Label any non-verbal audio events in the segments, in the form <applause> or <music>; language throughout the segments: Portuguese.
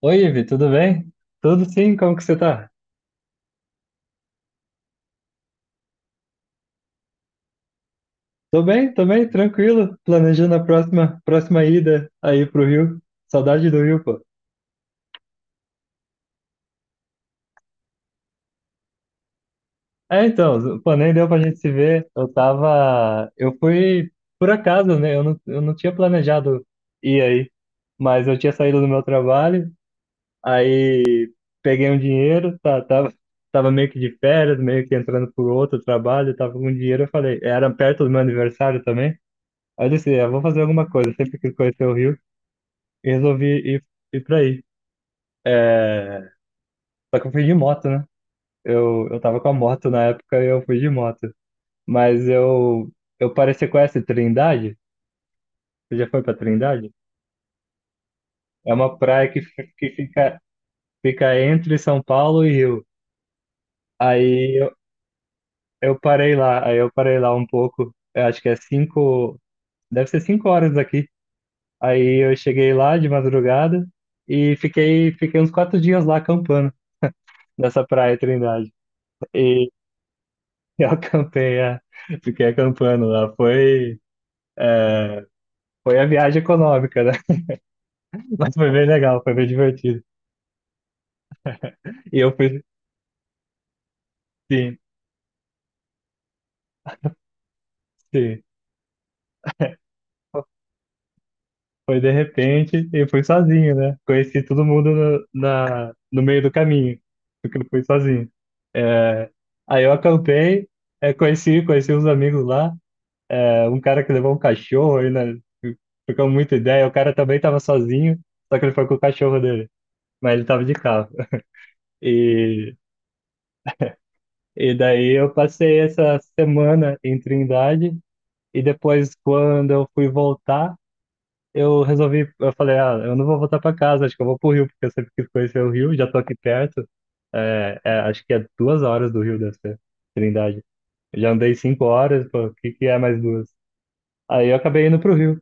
Oi, Ivi, tudo bem? Tudo sim, como que você tá? Tô bem, tranquilo, planejando a próxima ida aí pro Rio. Saudade do Rio, pô. É, então, pô, nem deu pra gente se ver. Eu fui por acaso, né? Eu não tinha planejado ir aí, mas eu tinha saído do meu trabalho, aí peguei um dinheiro, tá, tava meio que de férias, meio que entrando por outro trabalho, tava com dinheiro, eu falei, era perto do meu aniversário também. Aí eu disse, "É, eu vou fazer alguma coisa, sempre quis conhecer o Rio." E resolvi ir, ir pra aí. É, só que eu fui de moto, né? Eu tava com a moto na época e eu fui de moto. Mas eu pareci com essa Trindade. Você já foi pra Trindade? É uma praia que fica entre São Paulo e Rio. Aí eu parei lá, aí eu parei lá um pouco. Eu acho que é cinco, deve ser cinco horas aqui. Aí eu cheguei lá de madrugada e fiquei uns quatro dias lá acampando nessa praia Trindade. <laughs> Eu acampei, é. Fiquei acampando lá. Foi, é, foi a viagem econômica, né? <laughs> Mas foi bem legal, foi bem divertido. E eu fui, sim, sim. Foi de repente e fui sozinho, né? Conheci todo mundo no meio do caminho, porque eu fui sozinho. É, aí eu acampei, é, conheci uns amigos lá, é, um cara que levou um cachorro, aí, né? Ficou muita ideia. O cara também tava sozinho, só que ele foi com o cachorro dele, mas ele tava de carro. E E daí eu passei essa semana em Trindade e depois quando eu fui voltar, eu resolvi, eu falei, ah, eu não vou voltar para casa, acho que eu vou pro Rio, porque eu sempre quis conhecer o Rio, já tô aqui perto. É, acho que é duas horas do Rio deve ser, Trindade. Eu já andei cinco horas, pô, o que que é mais duas? Aí eu acabei indo pro Rio.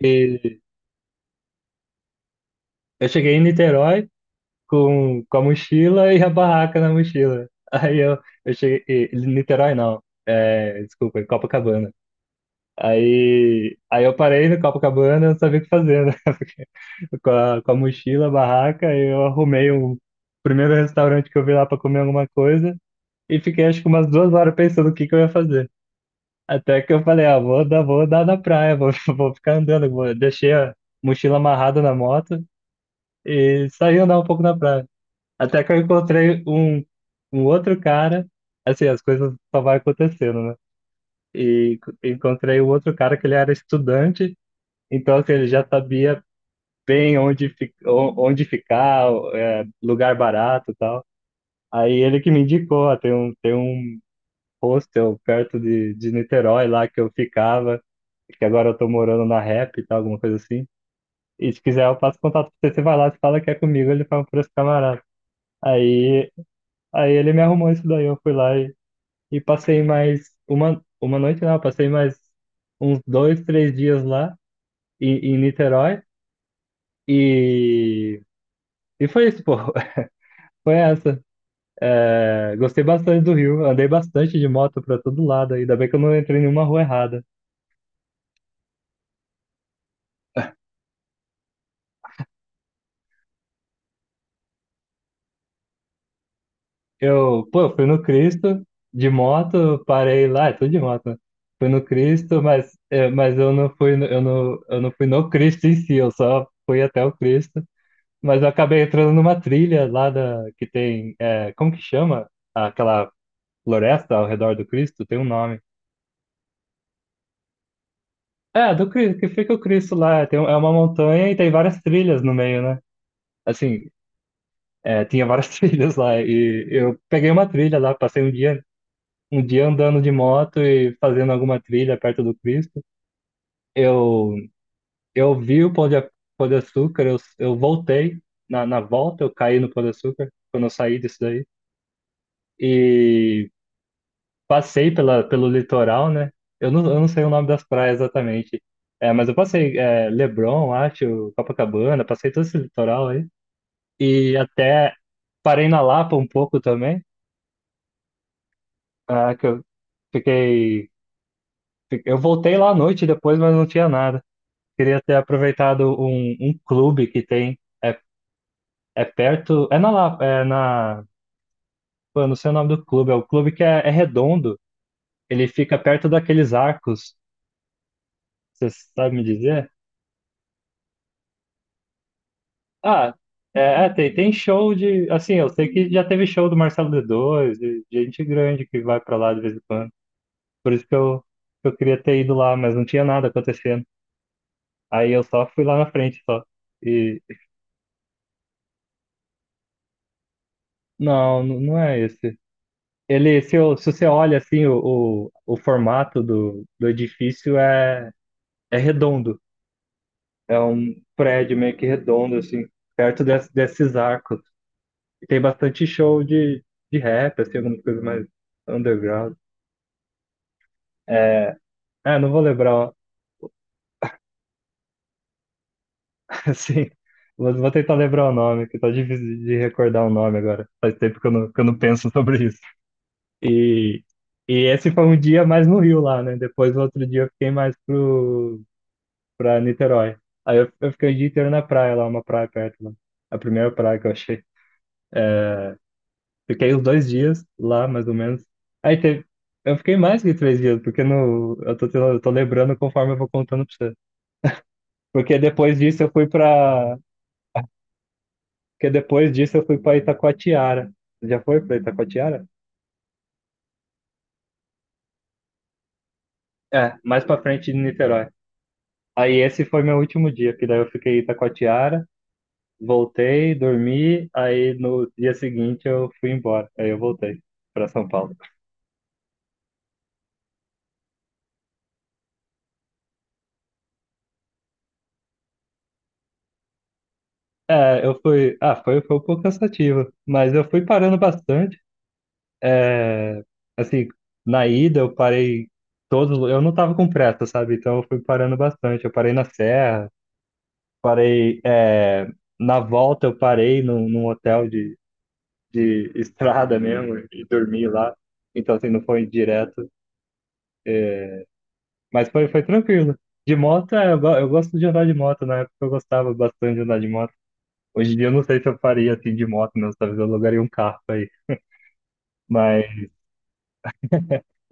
E eu cheguei em Niterói com a mochila e a barraca na mochila. Aí eu cheguei, Niterói não, é, desculpa, em Copacabana. Aí eu parei no Copacabana, eu não sabia o que fazer, né? <laughs> Porque com a mochila, a barraca, aí eu arrumei o primeiro restaurante que eu vi lá para comer alguma coisa e fiquei acho que umas duas horas pensando o que que eu ia fazer. Até que eu falei, ah, vou dar na praia, vou, <laughs> vou ficar andando. Deixei a mochila amarrada na moto e saí andar um pouco na praia. Até que eu encontrei um outro cara, assim, as coisas só vai acontecendo, né? E encontrei o outro cara que ele era estudante então, que ele já sabia bem onde ficar, é, lugar barato e tal. Aí ele que me indicou, ó, tem um hostel perto de Niterói lá que eu ficava, que agora eu tô morando na Rap e tal, alguma coisa assim. E se quiser eu passo contato pra você, você vai lá, você fala que é comigo, ele fala por esse camarada. Aí, aí ele me arrumou isso daí, eu fui lá e passei mais uma noite não, passei mais uns dois, três dias lá em Niterói. E E foi isso, pô. <laughs> Foi essa. É, gostei bastante do Rio. Andei bastante de moto pra todo lado. Ainda bem que eu não entrei em nenhuma rua errada. Eu, pô, fui no Cristo, de moto, parei lá, é tudo de moto, né? Fui no Cristo, mas, é, mas eu não fui, no- eu não fui no Cristo em si, eu só fui até o Cristo. Mas eu acabei entrando numa trilha lá da, que tem, é, como que chama? Aquela floresta ao redor do Cristo, tem um nome. É, do Cristo, que fica o Cristo lá. Tem, um- é uma montanha e tem várias trilhas no meio, né? Assim, é, tinha várias <laughs> trilhas lá. E eu peguei uma trilha lá, passei um dia andando de moto e fazendo alguma trilha perto do Cristo. Eu, eu vi o Pão de Açúcar, eu voltei. Na volta eu caí no Pão de Açúcar, quando eu saí disso daí. E passei pelo litoral, né? Eu não sei o nome das praias exatamente. É, mas eu passei é, Leblon, acho, Copacabana, passei todo esse litoral aí. E até parei na Lapa um pouco também, ah, que eu fiquei. Eu voltei lá à noite depois, mas não tinha nada. Queria ter aproveitado um clube que tem. É, é perto. É na Lapa, é na. Pô, eu não sei o nome do clube. É o clube que é, é redondo. Ele fica perto daqueles arcos. Você sabe me dizer? Ah, é, tem show de. Assim, eu sei que já teve show do Marcelo D2, de gente grande que vai pra lá de vez em quando. Por isso que eu queria ter ido lá, mas não tinha nada acontecendo. Aí eu só fui lá na frente só. E. Não, não, não é esse. Ele, se, eu- se você olha assim, o formato do edifício é, é redondo. É um prédio meio que redondo, assim, perto desses arcos. E tem bastante show de rap, assim, alguma coisa mais underground. É, É, não vou lembrar, o- <laughs> assim, vou tentar lembrar o nome, que tá difícil de recordar o nome agora. Faz tempo que eu não penso sobre isso. E, e esse foi um dia mais no Rio lá, né? Depois, o outro dia, eu fiquei mais pra Niterói. Aí eu fiquei o dia inteiro na praia lá, uma praia perto lá. A primeira praia que eu achei. É, fiquei os dois dias lá, mais ou menos. Aí teve. Eu fiquei mais que três dias, porque no, eu tô lembrando conforme eu vou contando pra você. Porque depois disso eu fui pra, Porque depois disso eu fui para Itacoatiara. Você já foi para Itacoatiara? É, mais para frente de Niterói. Aí esse foi meu último dia, que daí eu fiquei em Itacoatiara, voltei, dormi, aí no dia seguinte eu fui embora. Aí eu voltei para São Paulo. É, eu fui. Ah, foi, foi um pouco cansativo, mas eu fui parando bastante. É, assim, na ida eu parei todos. Eu não tava com pressa, sabe? Então eu fui parando bastante. Eu parei na Serra, parei, é, na volta eu parei num hotel de estrada mesmo e dormi lá. Então, assim, não foi direto. É, mas foi, foi tranquilo. De moto, é, eu, eu gosto de andar de moto. Na época eu gostava bastante de andar de moto. Hoje em dia eu não sei se eu faria assim de moto mesmo. Talvez eu alugaria um carro aí. Mas <laughs>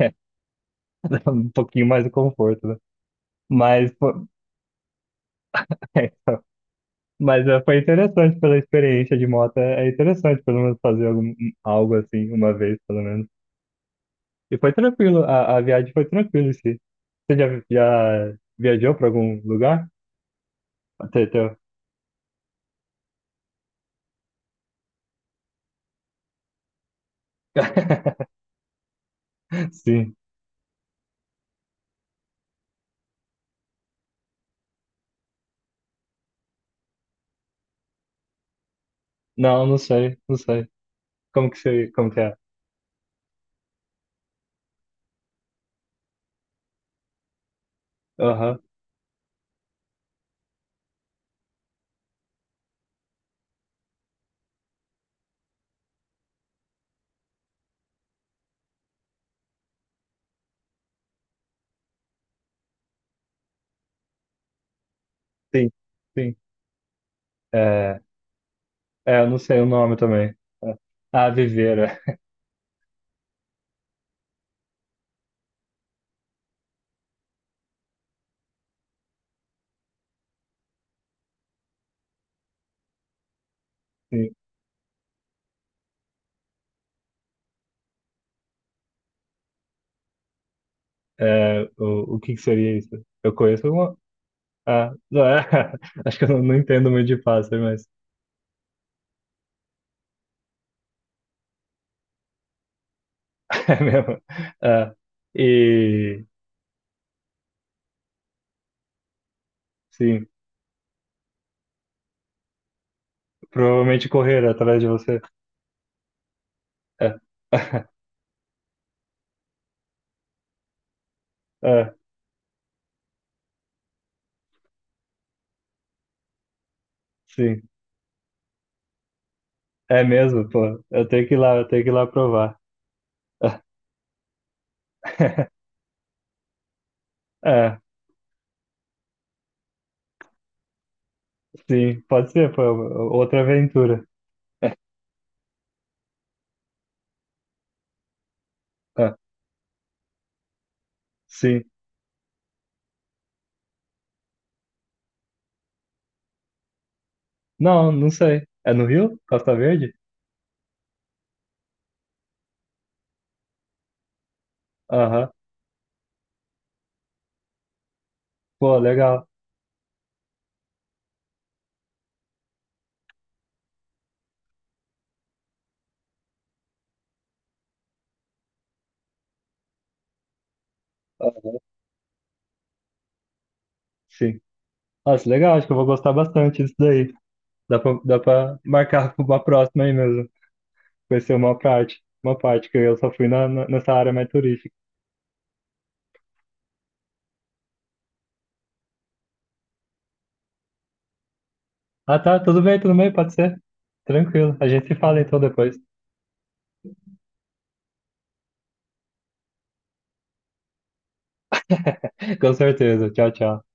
um pouquinho mais de conforto, né? Mas, <laughs> é, então, mas é, foi interessante pela experiência de moto. É é interessante pelo menos fazer algum, algo assim, uma vez pelo menos. E foi tranquilo, a viagem foi tranquila, sim. Você já viajou para algum lugar? Até, até... <laughs> Sim. Não, não sei, não sei. Como que você, como que é? Aham, sim, sim. É, é, eu não sei o nome também. É. Ah, Viveira. <laughs> Sim. É, o que que seria isso? Eu conheço alguma... Ah, não, é. <laughs> Acho que eu não entendo muito de pássaro, mas <laughs> é mesmo. É. E, sim, provavelmente correr atrás de você. É. <laughs> É, sim. É mesmo, pô. Eu tenho que ir lá, eu tenho que ir lá provar. <laughs> É, sim. Pode ser, pô. Outra aventura. É, sim. Não, não sei. É no Rio? Costa Verde? Aham. Pô, legal. Aham, sim. Nossa, legal. Acho que eu vou gostar bastante disso daí. Dá pra marcar <laughs> uma próxima aí mesmo. Conhecer uma parte. Uma parte que eu só fui nessa área mais turística. Ah, tá. Tudo bem, tudo bem. Pode ser. Tranquilo. A gente se fala então depois. <laughs> Com certeza. Tchau, tchau.